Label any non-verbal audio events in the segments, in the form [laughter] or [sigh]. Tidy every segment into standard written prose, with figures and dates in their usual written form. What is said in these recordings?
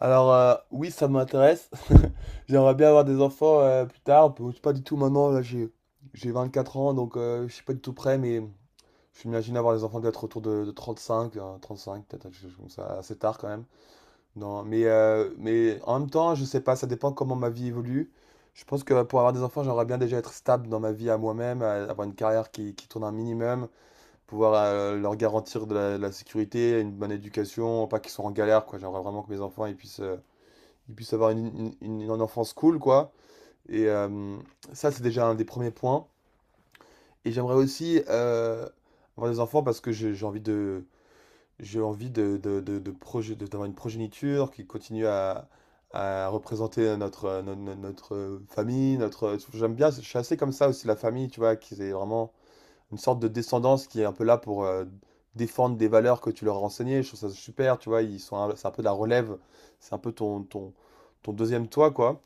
Alors oui, ça m'intéresse. [laughs] J'aimerais bien avoir des enfants plus tard. Bon, c'est pas du tout maintenant, là j'ai 24 ans, donc je suis pas du tout prêt, mais je m'imagine avoir des enfants peut-être autour de 35, 35, peut-être quelque chose comme ça, assez tard quand même. Non, mais en même temps, je sais pas, ça dépend comment ma vie évolue. Je pense que pour avoir des enfants, j'aimerais bien déjà être stable dans ma vie à moi-même, avoir une carrière qui tourne un minimum, pouvoir leur garantir de la sécurité, une bonne éducation, pas qu'ils soient en galère, quoi. J'aimerais vraiment que mes enfants ils puissent avoir une enfance cool, quoi. Et ça, c'est déjà un des premiers points. Et j'aimerais aussi avoir des enfants parce que j'ai envie de, j'ai envie de d'avoir une progéniture qui continue à représenter notre, no- no- notre, famille, notre, j'aime bien, je suis assez comme ça aussi, la famille, tu vois, qu'ils aient vraiment une sorte de descendance qui est un peu là pour défendre des valeurs que tu leur as enseignées, je trouve ça super, tu vois, ils sont, c'est un peu de la relève, c'est un peu ton deuxième toi, quoi.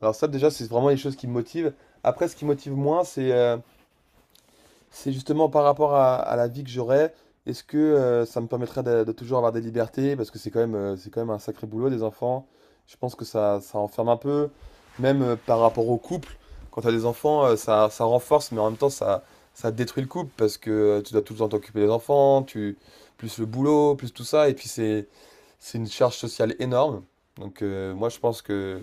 Alors ça, déjà, c'est vraiment les choses qui me motivent. Après, ce qui me motive moins, c'est justement par rapport à la vie que j'aurai. Est-ce que ça me permettrait de toujours avoir des libertés? Parce que c'est quand même un sacré boulot des enfants. Je pense que ça enferme un peu, même par rapport au couple. Quand tu as des enfants, ça renforce, mais en même temps, ça détruit le couple parce que tu dois tout le temps t'occuper des enfants, plus le boulot, plus tout ça. Et puis c'est une charge sociale énorme. Donc moi, je pense que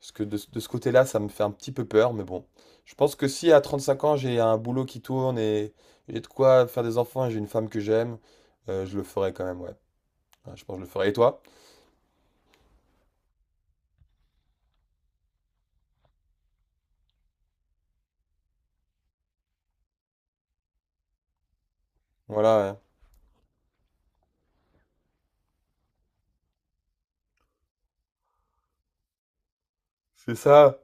parce que de ce côté-là, ça me fait un petit peu peur, mais bon. Je pense que si à 35 ans, j'ai un boulot qui tourne et j'ai de quoi faire des enfants et j'ai une femme que j'aime, je le ferai quand même, ouais. Ouais, je pense que je le ferai. Et toi? Voilà, ouais. C'est ça.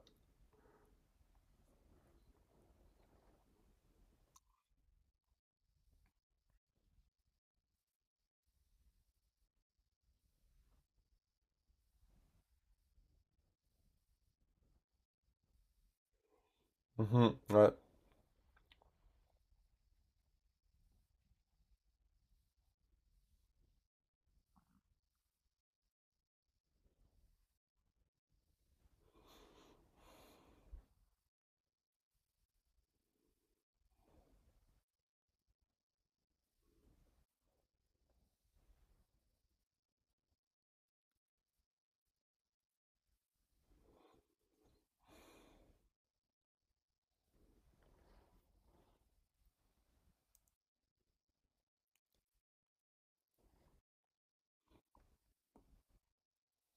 Mhm, ouais,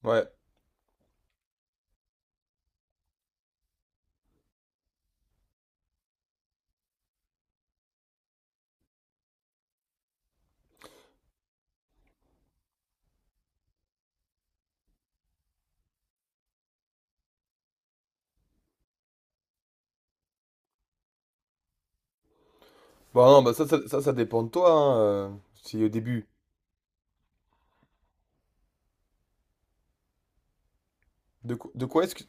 ouais. Bon, non, bah ça dépend de toi, hein, si au début. De quoi est-ce que...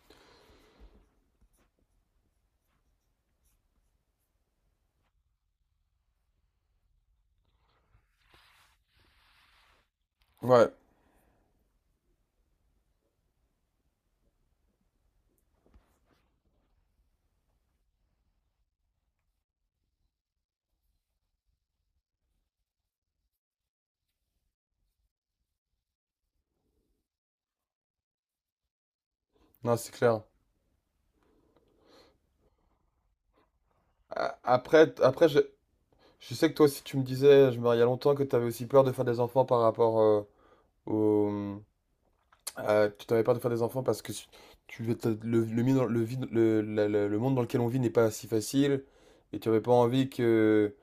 Ouais, non, c'est clair. Après, je sais que toi aussi, tu me disais, je me il y a longtemps, que tu avais aussi peur de faire des enfants par rapport au... Tu t'avais peur de faire des enfants parce que tu, t'as- le, mi- le, vide- le, le monde dans lequel on vit n'est pas si facile et tu avais pas envie que.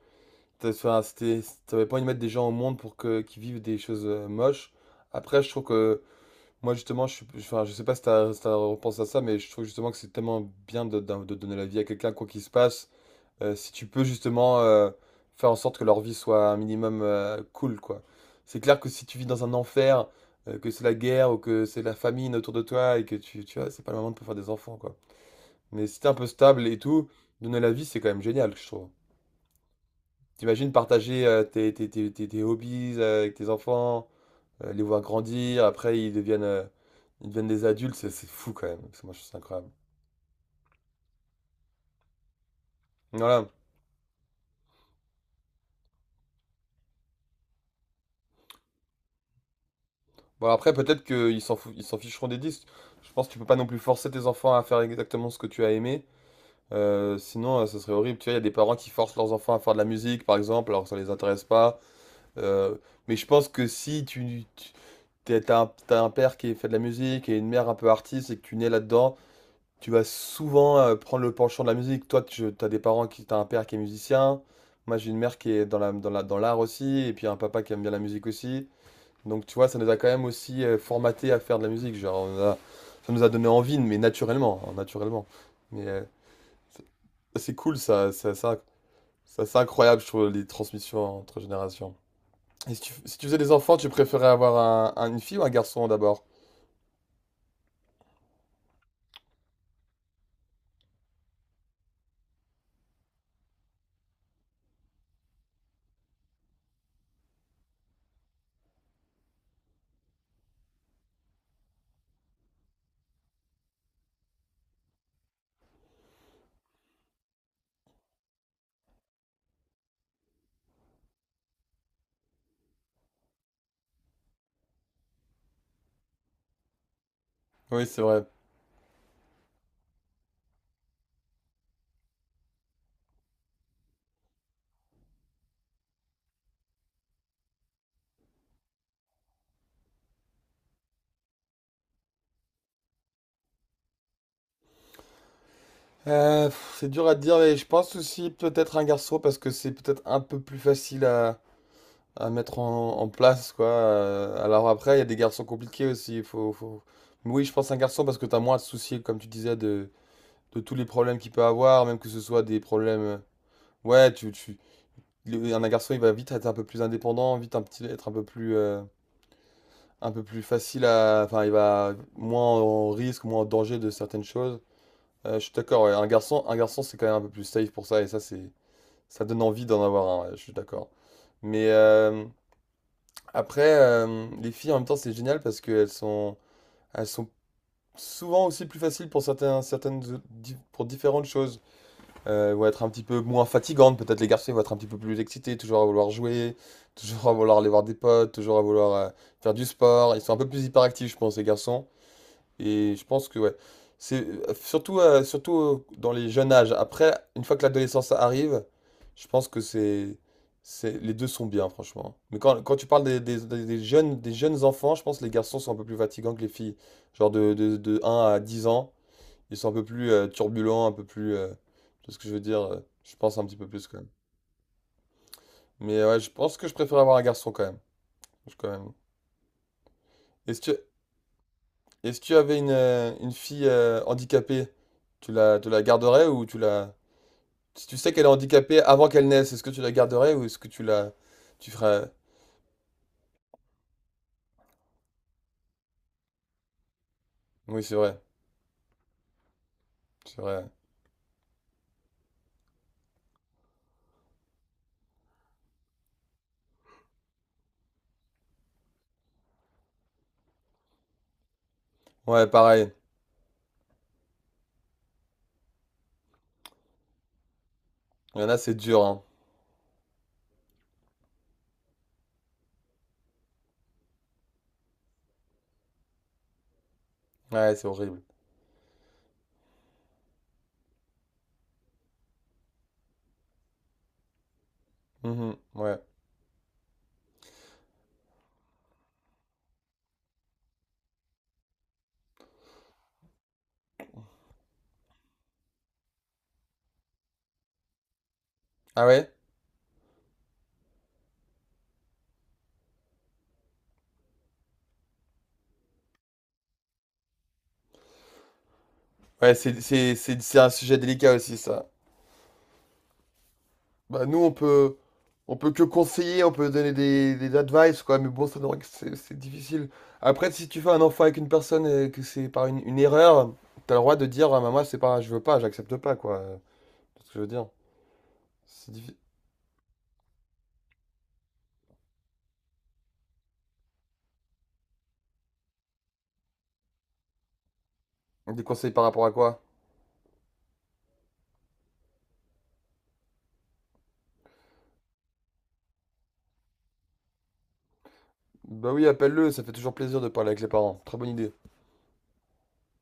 Enfin, t'avais pas envie de mettre des gens au monde pour qu'ils vivent des choses moches. Après, je trouve que. Moi, justement, enfin, je sais pas si tu as, repensé à ça, mais je trouve justement que c'est tellement bien de donner la vie à quelqu'un, quoi qu'il se passe. Si tu peux justement faire en sorte que leur vie soit un minimum cool, quoi. C'est clair que si tu vis dans un enfer, que c'est la guerre ou que c'est la famine autour de toi et que tu vois, c'est pas le moment de pouvoir faire des enfants, quoi. Mais si t'es un peu stable et tout, donner la vie, c'est quand même génial, je trouve. T'imagines partager tes hobbies avec tes enfants, les voir grandir, après ils deviennent des adultes, c'est fou quand même, parce que moi je trouve ça incroyable. Voilà. Bon, après, peut-être qu'ils s'en fou- ils s'en ficheront des disques. Je pense que tu peux pas non plus forcer tes enfants à faire exactement ce que tu as aimé. Sinon, ça serait horrible. Tu vois, il y a des parents qui forcent leurs enfants à faire de la musique, par exemple, alors que ça les intéresse pas. Euh, mais je pense que si tu t'as un père qui fait de la musique et une mère un peu artiste et que tu nais là-dedans, tu vas souvent prendre le penchant de la musique. Toi, tu as des parents t'as un père qui est musicien. Moi, j'ai une mère qui est dans l'art aussi, et puis un papa qui aime bien la musique aussi. Donc tu vois, ça nous a quand même aussi formaté à faire de la musique. Genre, ça nous a donné envie, mais naturellement, hein, naturellement. Mais c'est c'est cool, ça, c'est incroyable, je trouve, les transmissions entre générations. Et si tu faisais des enfants, tu préférais avoir une fille ou un garçon d'abord? Oui, c'est vrai. C'est dur à dire, mais je pense aussi peut-être un garçon parce que c'est peut-être un peu plus facile à mettre en place, quoi. Alors après, il y a des garçons compliqués aussi. Il faut... Mais oui, je pense un garçon parce que t'as moins à te soucier, comme tu disais, de tous les problèmes qu'il peut avoir, même que ce soit des problèmes. Ouais, un garçon, il va vite être un peu plus indépendant, vite être un peu plus, un peu plus, facile à. Enfin, il va moins en risque, moins en danger de certaines choses. Je suis d'accord, ouais. Un garçon, c'est quand même un peu plus safe pour ça, et ça, ça donne envie d'en avoir un, ouais, je suis d'accord. Mais Après, les filles, en même temps, c'est génial parce qu'elles sont, elles sont souvent aussi plus faciles pour certains, certaines, di- pour différentes choses. Elles vont être un petit peu moins fatigantes, peut-être les garçons ils vont être un petit peu plus excités, toujours à vouloir jouer, toujours à vouloir aller voir des potes, toujours à vouloir faire du sport. Ils sont un peu plus hyperactifs, je pense, les garçons. Et je pense que ouais, c'est surtout dans les jeunes âges. Après, une fois que l'adolescence arrive, je pense que c'est les deux sont bien franchement. Mais quand tu parles des jeunes enfants, je pense que les garçons sont un peu plus fatigants que les filles. Genre de 1 à 10 ans, ils sont un peu plus turbulents, un peu plus tu vois ce que je veux dire, je pense un petit peu plus quand même. Mais ouais, je pense que je préfère avoir un garçon quand même. Quand même. Et si tu, Et si tu avais une fille handicapée, tu la garderais ou tu la... Si tu sais qu'elle est handicapée avant qu'elle naisse, est-ce que tu la garderais ou est-ce que tu la... Tu ferais... Oui, c'est vrai. C'est vrai. Ouais, pareil. Il y en a, c'est dur, hein. Ouais, c'est horrible. Mhm, ouais. Ah ouais? Ouais, c'est un sujet délicat aussi, ça. Bah, nous, on peut que conseiller, on peut donner des advice, quoi, mais bon, ça, c'est difficile. Après, si tu fais un enfant avec une personne et que c'est par une erreur, t'as le droit de dire, ah, maman, c'est pas, je veux pas, j'accepte pas, quoi. C'est ce que je veux dire. C'est difficile. Des conseils par rapport à quoi? Bah oui, appelle-le, ça fait toujours plaisir de parler avec les parents. Très bonne idée.